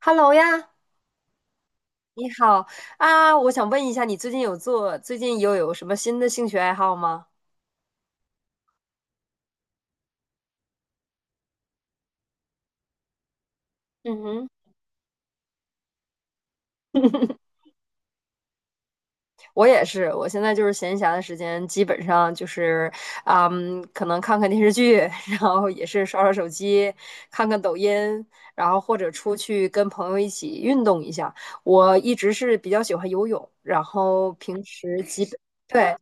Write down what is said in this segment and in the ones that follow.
Hello 呀，你好啊！我想问一下，你最近最近又有什么新的兴趣爱好吗？嗯哼，我也是，我现在就是闲暇的时间，基本上可能看看电视剧，然后也是刷刷手机，看看抖音，然后或者出去跟朋友一起运动一下。我一直是比较喜欢游泳，然后平时基本，对，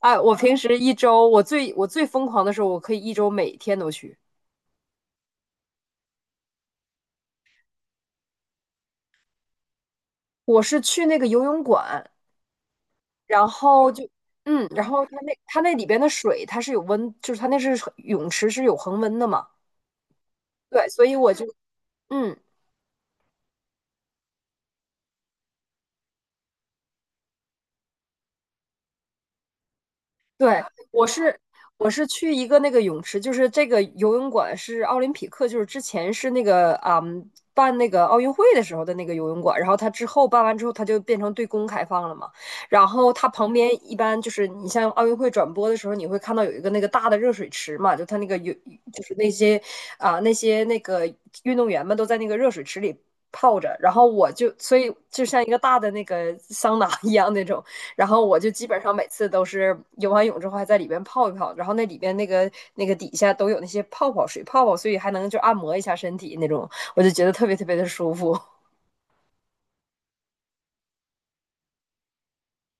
哎，我平时一周，我最疯狂的时候，我可以一周每天都去。我是去那个游泳馆，然后就，嗯，然后它那里边的水它是有温，就是它那是水泳池是有恒温的嘛，对，所以我就，嗯，对，我是我去一个那个泳池，就是这个游泳馆是奥林匹克，就是之前是办那个奥运会的时候的那个游泳馆，然后它之后办完之后，它就变成对公开放了嘛。然后它旁边一般就是你像奥运会转播的时候，你会看到有一个那个大的热水池嘛，就它那个有就是那些那些那个运动员们都在那个热水池里泡着，然后我就所以就像一个大的那个桑拿一样那种，然后我就基本上每次都是游完泳之后还在里边泡一泡，然后那里边那个底下都有那些泡泡水泡泡，所以还能就按摩一下身体那种，我就觉得特别特别的舒服。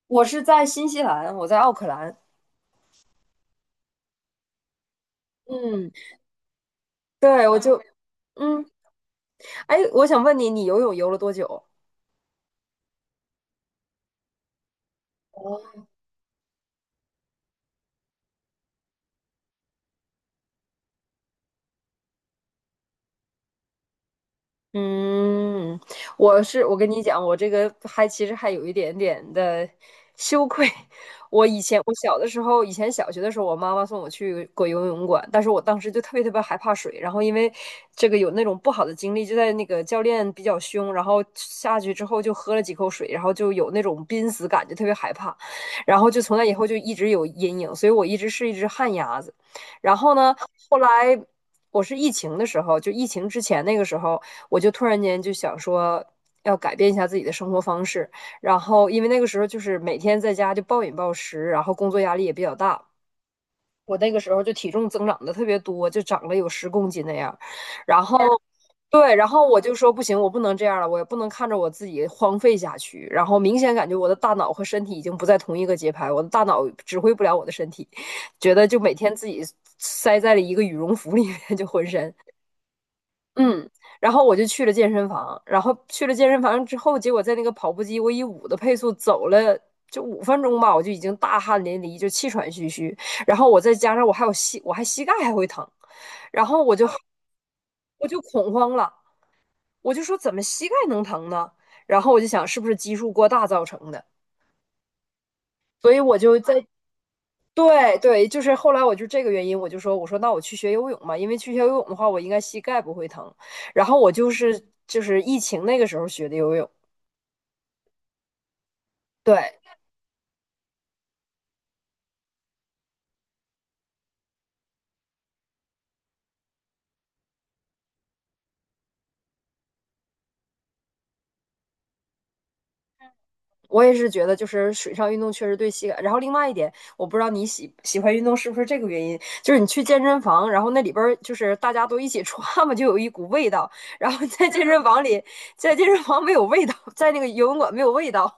我是在新西兰，我在奥克兰。嗯，对，我就嗯，哎，我想问你，你游泳游了多久？哦嗯，我是我跟你讲，我这个还其实还有一点点的羞愧。我以前我小的时候，以前小学的时候，我妈妈送我去过游泳馆，但是我当时就特别特别害怕水。然后因为这个有那种不好的经历，就在那个教练比较凶，然后下去之后就喝了几口水，然后就有那种濒死感，就特别害怕。然后就从那以后就一直有阴影，所以我一直是一只旱鸭子。然后呢，后来我是疫情的时候，就疫情之前那个时候。我就突然间就想说要改变一下自己的生活方式。然后因为那个时候就是每天在家就暴饮暴食，然后工作压力也比较大，我那个时候就体重增长的特别多，就长了有10公斤那样。然后对，然后我就说不行，我不能这样了，我也不能看着我自己荒废下去。然后明显感觉我的大脑和身体已经不在同一个节拍，我的大脑指挥不了我的身体，觉得就每天自己塞在了一个羽绒服里面，就浑身。嗯，然后我就去了健身房，然后去了健身房之后，结果在那个跑步机，我以5的配速走了5分钟吧，我就已经大汗淋漓，就气喘吁吁。然后我再加上我还膝盖还会疼，然后我就恐慌了，我就说怎么膝盖能疼呢？然后我就想是不是基数过大造成的，所以我就在对对，就是后来我就这个原因，我说那我去学游泳嘛，因为去学游泳的话，我应该膝盖不会疼。然后我就是疫情那个时候学的游泳，对，我也是觉得就是水上运动确实对膝盖。然后另外一点，我不知道你喜欢运动是不是这个原因，就是你去健身房，然后那里边儿就是大家都一起穿嘛，就有一股味道。然后在健身房里，在健身房没有味道，在那个游泳馆没有味道。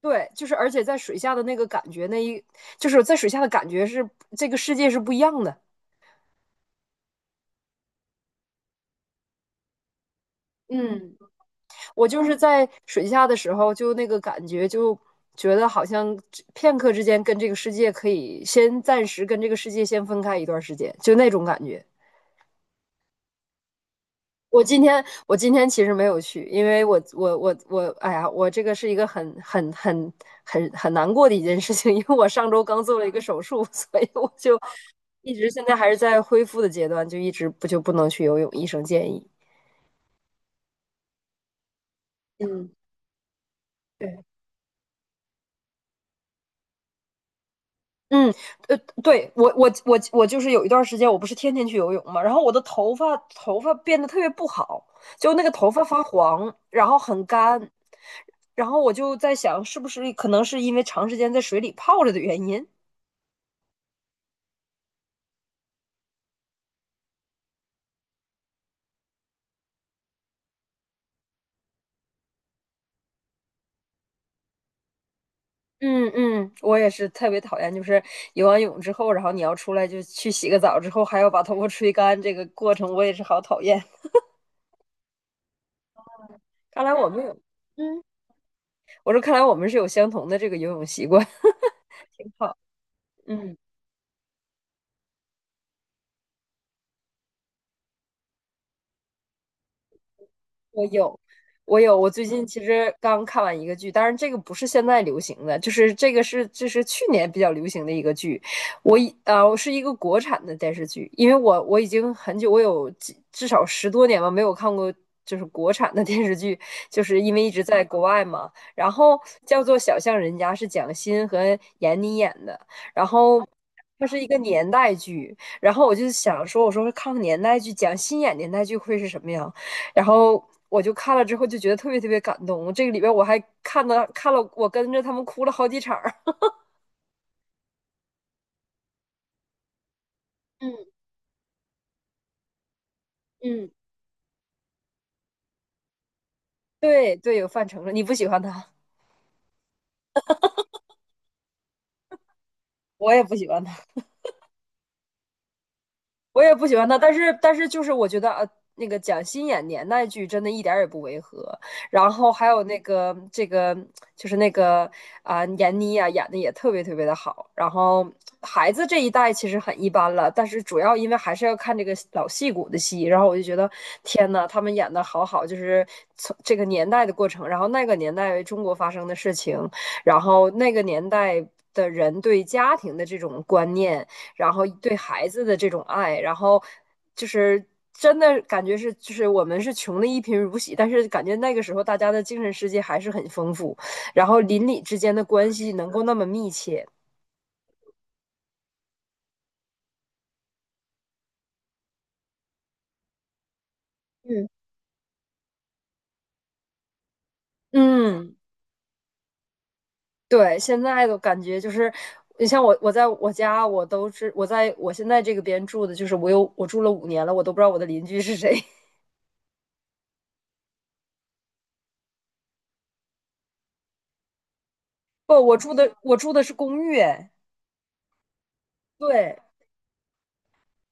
对，就是而且在水下的那个感觉，就是在水下的感觉是这个世界是不一样的。嗯，我就是在水下的时候，就那个感觉，就觉得好像片刻之间跟这个世界可以先暂时跟这个世界先分开一段时间，就那种感觉。我今天其实没有去，因为我我我我，哎呀，我这个是一个很难过的一件事情，因为我上周刚做了一个手术，所以我就一直现在还是在恢复的阶段，就一直不能去游泳，医生建议。嗯，对，嗯，呃，对，我就是有一段时间，我不是天天去游泳嘛，然后我的头发变得特别不好，就那个头发发黄，然后很干，然后我就在想，是不是可能是因为长时间在水里泡着的原因？嗯嗯，我也是特别讨厌，就是游完泳之后，然后你要出来就去洗个澡之后，还要把头发吹干，这个过程我也是好讨厌。看来我们有，嗯，我说看来我们是有相同的这个游泳习惯。好，嗯。我有，我有，我最近其实刚看完一个剧，当然这个不是现在流行的，就是这是去年比较流行的一个剧。我是一个国产的电视剧，因为我已经很久，我有几至少10多年吧没有看过就是国产的电视剧，就是因为一直在国外嘛。然后叫做《小巷人家》，是蒋欣和闫妮演的，然后。它是一个年代剧，然后我就想说，我说看看年代剧，蒋欣演年代剧会是什么样？然后我就看了之后就觉得特别特别感动。这个里边我还看了，我跟着他们哭了好几场嗯嗯，对对，有范丞丞，你不喜欢他，我也不喜欢他。我也不喜欢他，但是就是我觉得那个蒋欣演年代剧真的一点儿也不违和，然后还有那个闫妮啊演的也特别特别的好，然后孩子这一代其实很一般了，但是主要因为还是要看这个老戏骨的戏，然后我就觉得天呐，他们演的好好，就是从这个年代的过程，然后那个年代中国发生的事情，然后那个年代的人对家庭的这种观念，然后对孩子的这种爱，然后就是真的感觉是，就是我们是穷的一贫如洗，但是感觉那个时候大家的精神世界还是很丰富，然后邻里之间的关系能够那么密切。嗯嗯，对，现在的感觉就是，你像我，我在我家，我都是我在我现在这个边住的，就是我住了5年了，我都不知道我的邻居是谁。不，我住的是公寓，哎对。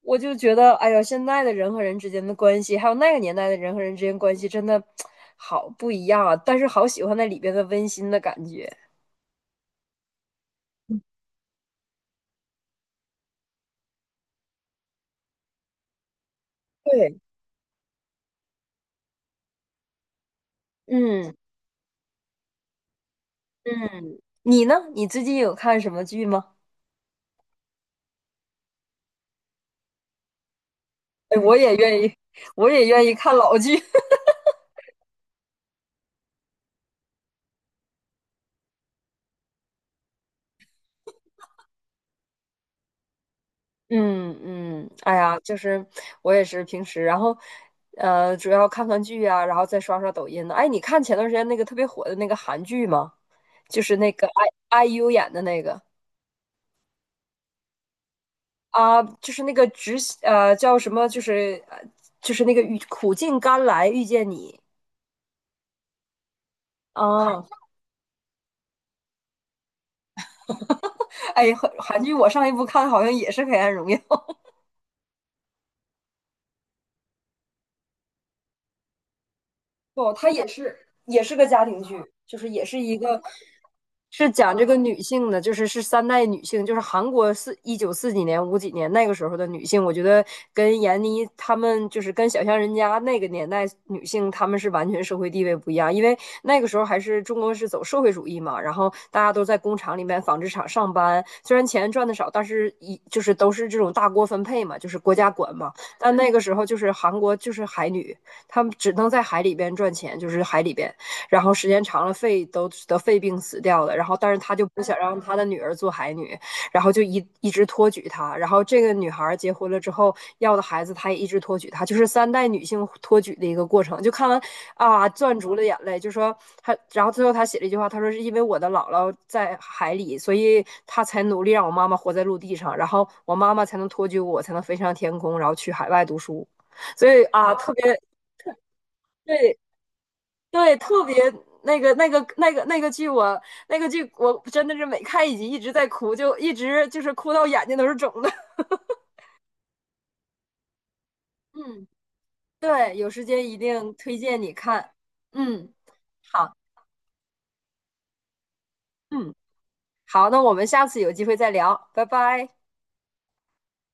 我就觉得，哎呀，现在的人和人之间的关系，还有那个年代的人和人之间关系，真的好不一样啊！但是好喜欢那里边的温馨的感觉。对，嗯嗯，你呢？你最近有看什么剧吗？哎，我也愿意看老剧。嗯嗯，哎呀，就是我也是平时，然后主要看看剧啊，然后再刷刷抖音呢。哎，你看前段时间那个特别火的那个韩剧吗？就是那个 I IU 演的那个。啊，就是那个直呃叫什么，就是那个苦尽甘来遇见你。啊！哎，韩剧我上一部看好像也是《黑暗荣耀》，哦，它也是也是个家庭剧，就是也是一个是讲这个女性的，就是是三代女性，就是韩国四一九四几年、五几年那个时候的女性，我觉得跟闫妮她们就是跟小巷人家那个年代女性，她们是完全社会地位不一样，因为那个时候还是中国是走社会主义嘛，然后大家都在工厂里面、纺织厂上班，虽然钱赚的少，但是就是都是这种大锅分配嘛，就是国家管嘛。但那个时候就是韩国就是海女，她们只能在海里边赚钱，就是海里边。然后时间长了肺都得肺病死掉了，然后但是他就不想让他的女儿做海女，然后就一直托举她，然后这个女孩结婚了之后要的孩子，他也一直托举她，就是三代女性托举的一个过程。就看完啊，攥住了眼泪，就说他，然后最后他写了一句话，他说是因为我的姥姥在海里，所以他才努力让我妈妈活在陆地上，然后我妈妈才能托举我，才能飞上天空，然后去海外读书。所以啊，特别对对，特别那个、那个、那个、那个剧我，那个剧我真的是每看一集一直在哭，就一直就是哭到眼睛都是肿的。嗯，对，有时间一定推荐你看。嗯，好，嗯，好，那我们下次有机会再聊，拜拜。